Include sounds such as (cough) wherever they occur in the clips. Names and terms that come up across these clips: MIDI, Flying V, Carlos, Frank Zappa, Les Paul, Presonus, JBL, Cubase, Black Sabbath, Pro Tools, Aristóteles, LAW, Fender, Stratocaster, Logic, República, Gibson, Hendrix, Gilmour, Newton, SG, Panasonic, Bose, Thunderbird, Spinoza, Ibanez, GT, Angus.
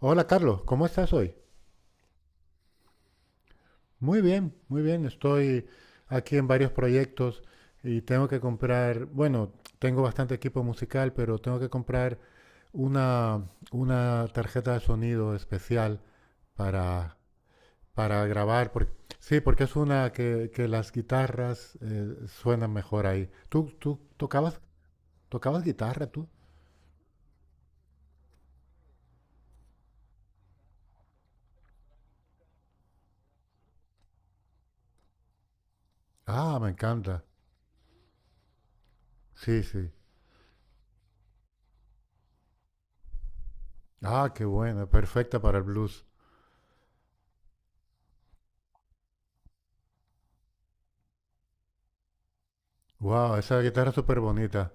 Hola Carlos, ¿cómo estás hoy? Muy bien, muy bien. Estoy aquí en varios proyectos y tengo que comprar, bueno, tengo bastante equipo musical, pero tengo que comprar una tarjeta de sonido especial para, para grabar. Sí, porque es una que las guitarras suenan mejor ahí. ¿Tú, tocabas guitarra tú? Ah, me encanta. Sí, sí. Ah, qué buena, perfecta para el blues. Wow, esa guitarra es súper bonita.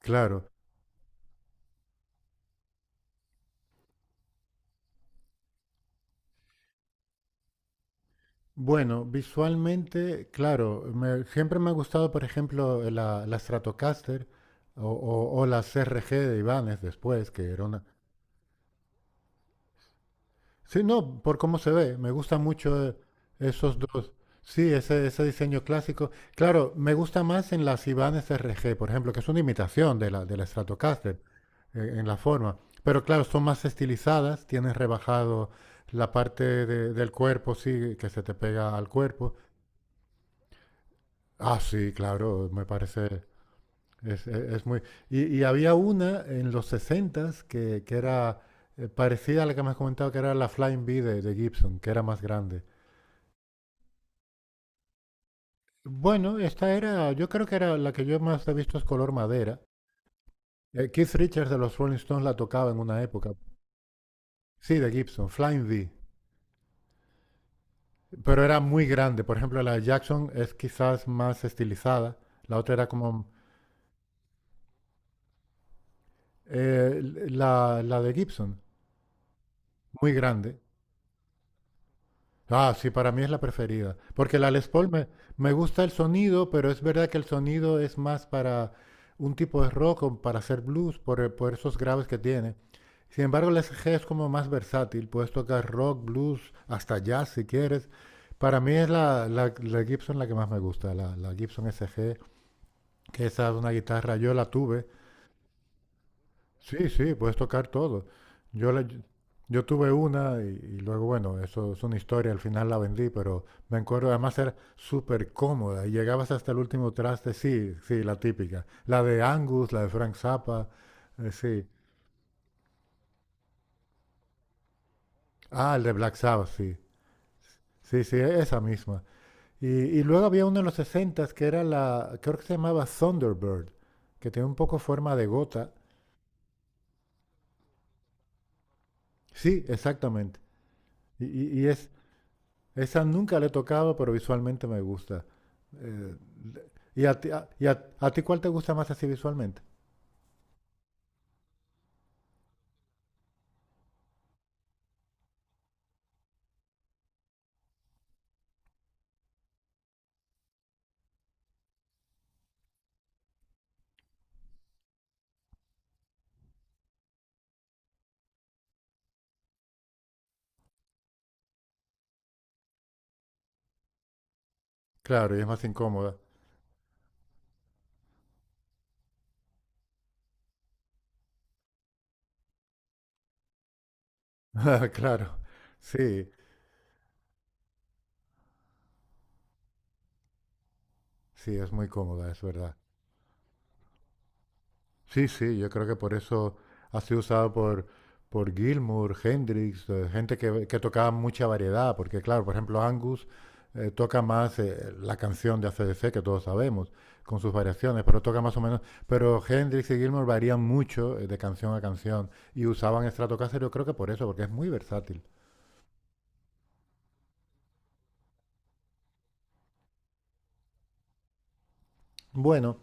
Claro. Bueno, visualmente, claro, siempre me ha gustado, por ejemplo, la Stratocaster o la CRG de Ibanez después, que era una... Sí, no, por cómo se ve, me gusta mucho esos dos. Sí, ese diseño clásico. Claro, me gusta más en las Ibanez RG, por ejemplo, que es una imitación de la Stratocaster en la forma. Pero claro, son más estilizadas, tienes rebajado la parte del cuerpo, sí, que se te pega al cuerpo. Ah, sí, claro, me parece, es, es- es muy... Y había una en los sesentas que era parecida a la que me has comentado, que era la Flying V de Gibson, que era más grande. Bueno, esta era, yo creo que era la que yo más he visto es color madera. Keith Richards de los Rolling Stones la tocaba en una época. Sí, de Gibson, Flying V. Pero era muy grande. Por ejemplo, la de Jackson es quizás más estilizada. La otra era como eh, la de Gibson, muy grande. Ah, sí, para mí es la preferida. Porque la Les Paul me gusta el sonido, pero es verdad que el sonido es más para un tipo de rock o para hacer blues por esos graves que tiene. Sin embargo, la SG es como más versátil. Puedes tocar rock, blues, hasta jazz si quieres. Para mí es la Gibson la que más me gusta, la Gibson SG, que esa es una guitarra, yo la tuve. Sí, sí, puedes tocar todo. Yo, yo tuve una y luego, bueno, eso es una historia, al final la vendí, pero me acuerdo, además era súper cómoda y llegabas hasta el último traste, sí, sí, la típica. La de Angus, la de Frank Zappa, sí. Ah, el de Black Sabbath, sí. Sí, sí, esa misma. Y luego había uno en los 60 que era la, creo que se llamaba Thunderbird, que tiene un poco forma de gota. Sí, exactamente. Y, y- y es, Esa nunca la he tocado, pero visualmente me gusta. Eh, ¿y a ti cuál te gusta más así visualmente? Claro, y es más incómoda. (laughs) Claro, sí, sí, es muy cómoda, es verdad. Sí, sí, yo creo que por eso ha sido usado por Gilmour, Hendrix, gente que tocaba mucha variedad, porque claro, por ejemplo, Angus toca más la canción de CDC que todos sabemos, con sus variaciones, pero toca más o menos, pero Hendrix y Gilmour varían mucho de canción a canción y usaban Stratocaster, yo creo que por eso, porque es muy versátil. Bueno,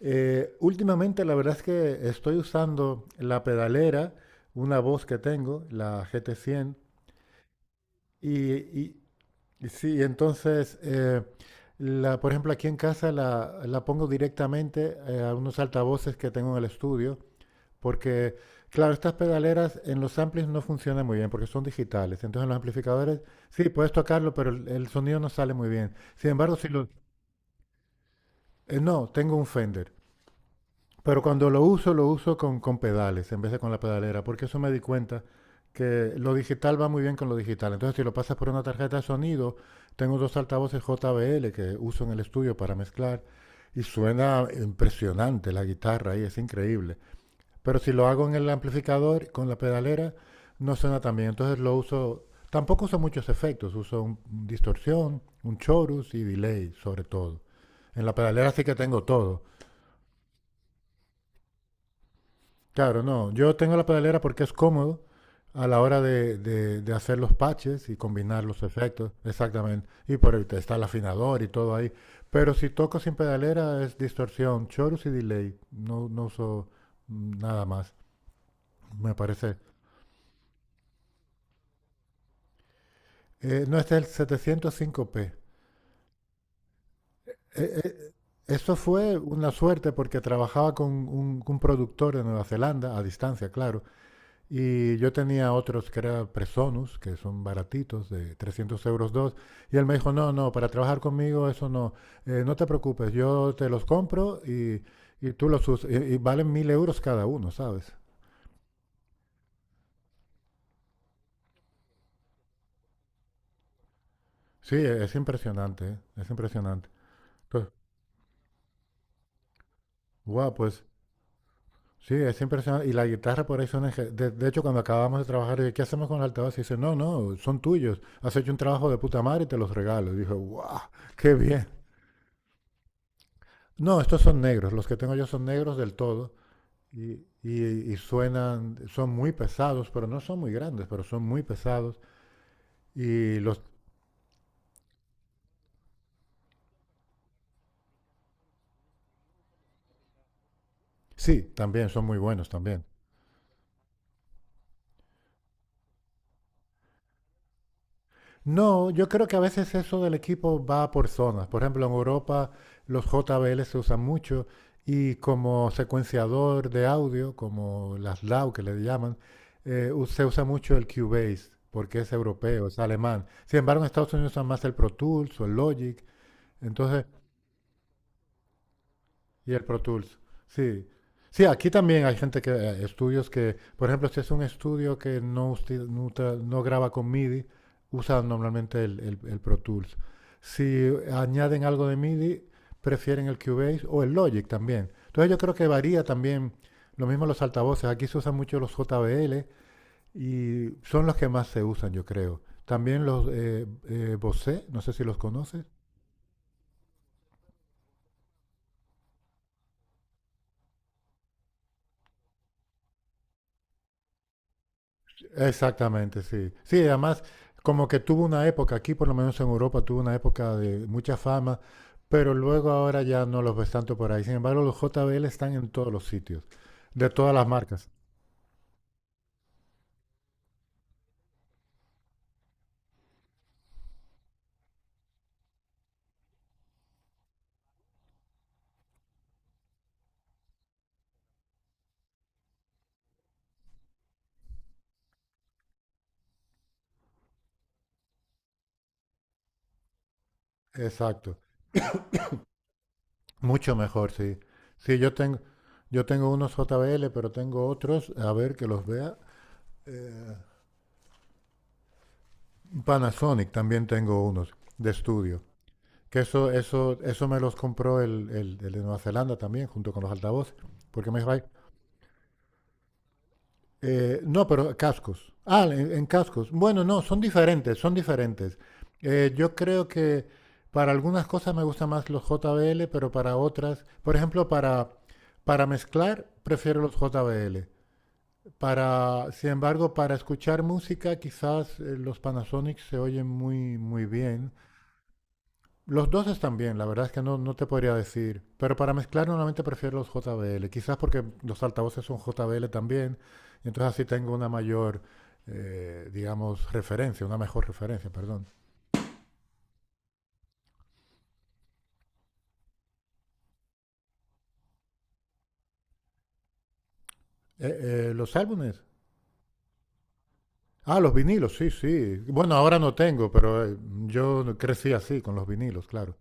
últimamente la verdad es que estoy usando la pedalera, una voz que tengo, la GT100 y... Sí, entonces, la, por ejemplo, aquí en casa la pongo directamente a unos altavoces que tengo en el estudio, porque, claro, estas pedaleras en los amplis no funcionan muy bien porque son digitales. Entonces, en los amplificadores, sí, puedes tocarlo, pero el sonido no sale muy bien. Sin embargo, si lo... no, tengo un Fender. Pero cuando lo uso con pedales en vez de con la pedalera, porque eso me di cuenta que lo digital va muy bien con lo digital. Entonces, si lo pasas por una tarjeta de sonido, tengo dos altavoces JBL que uso en el estudio para mezclar y suena impresionante la guitarra ahí, es increíble. Pero si lo hago en el amplificador con la pedalera, no suena tan bien. Entonces lo uso, tampoco uso muchos efectos, uso un distorsión, un chorus y delay sobre todo. En la pedalera sí que tengo todo. Claro, no. Yo tengo la pedalera porque es cómodo a la hora de hacer los patches y combinar los efectos. Exactamente. Y por ahí te está el afinador y todo ahí. Pero si toco sin pedalera es distorsión, chorus y delay. No, no uso nada más, me parece. No, este es el 705p. Eh, eh, eso fue una suerte porque trabajaba con un productor de Nueva Zelanda, a distancia, claro. Y yo tenía otros que era Presonus, que son baratitos, de 300 euros dos. Y él me dijo, no, no, para trabajar conmigo eso no, no te preocupes, yo te los compro y tú los usas. Y valen 1000 euros cada uno, ¿sabes? Sí, es impresionante, ¿eh? Es impresionante. Entonces, guau, pues sí, es impresionante. Y la guitarra por ahí son... De hecho, cuando acabamos de trabajar, yo, ¿qué hacemos con el altavoz? Y dice, no, no, son tuyos. Has hecho un trabajo de puta madre y te los regalo. Y dije, guau, qué bien. No, estos son negros. Los que tengo yo son negros del todo. Y, y suenan, son muy pesados, pero no son muy grandes, pero son muy pesados. Y los, sí, también son muy buenos también. No, yo creo que a veces eso del equipo va por zonas. Por ejemplo, en Europa los JBL se usan mucho y como secuenciador de audio, como las LAW que le llaman, se usa mucho el Cubase porque es europeo, es alemán. Sin embargo, en Estados Unidos usan más el Pro Tools o el Logic. Entonces... Y el Pro Tools. Sí. Sí, aquí también hay gente que, estudios que, por ejemplo, si es un estudio que no, no, no graba con MIDI, usan normalmente el Pro Tools. Si añaden algo de MIDI, prefieren el Cubase o el Logic también. Entonces yo creo que varía también, lo mismo los altavoces, aquí se usan mucho los JBL y son los que más se usan, yo creo. También los Bose, no sé si los conoces. Exactamente, sí. Sí, además, como que tuvo una época, aquí por lo menos en Europa tuvo una época de mucha fama, pero luego ahora ya no los ves tanto por ahí. Sin embargo, los JBL están en todos los sitios, de todas las marcas. Exacto. Mucho mejor, sí. Sí, yo tengo unos JBL, pero tengo otros, a ver que los vea. Eh, Panasonic también tengo unos de estudio. Que eso me los compró el de Nueva Zelanda también, junto con los altavoces, porque me, no, pero cascos. Ah, en cascos. Bueno, no, son diferentes, son diferentes. Yo creo que para algunas cosas me gustan más los JBL, pero para otras, por ejemplo, para mezclar, prefiero los JBL. Para, sin embargo, para escuchar música, quizás los Panasonic se oyen muy, muy bien. Los dos están bien, la verdad es que no, no te podría decir. Pero para mezclar normalmente prefiero los JBL. Quizás porque los altavoces son JBL también. Y entonces así tengo una mayor, digamos, referencia, una mejor referencia, perdón. Los álbumes. Ah, los vinilos, sí, sí. Bueno, ahora no tengo, pero yo crecí así, con los vinilos, claro.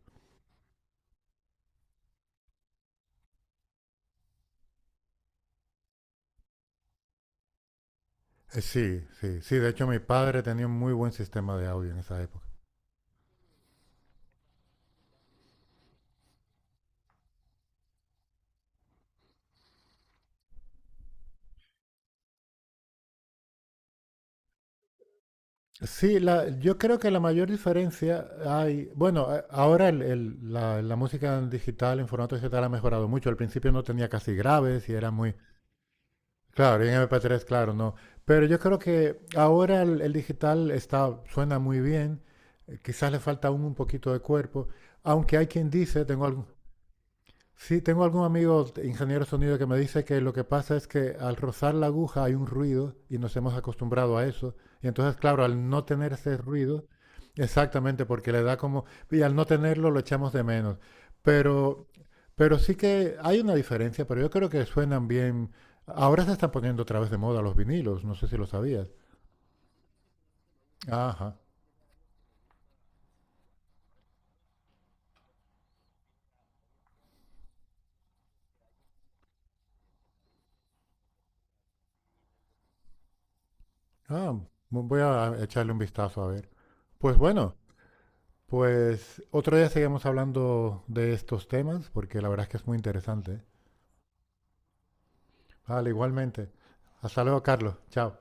Sí, sí, sí. De hecho, mi padre tenía un muy buen sistema de audio en esa época. Sí, yo creo que la mayor diferencia hay, bueno, ahora la música en digital, en formato digital ha mejorado mucho. Al principio no tenía casi graves y era muy... claro, y en MP3, claro, no. Pero yo creo que ahora el digital está, suena muy bien, quizás le falta aún un poquito de cuerpo, aunque hay quien dice, tengo algún... Sí, tengo algún amigo ingeniero de sonido que me dice que lo que pasa es que al rozar la aguja hay un ruido y nos hemos acostumbrado a eso. Y entonces, claro, al no tener ese ruido, exactamente, porque le da como... Y al no tenerlo lo echamos de menos. Pero, pero sí que hay una diferencia, pero yo creo que suenan bien. Ahora se están poniendo otra vez de moda los vinilos, no sé si lo sabías. Ajá. Ah, voy a echarle un vistazo a ver. Pues bueno. Pues otro día seguimos hablando de estos temas porque la verdad es que es muy interesante. Vale, igualmente. Hasta luego, Carlos. Chao.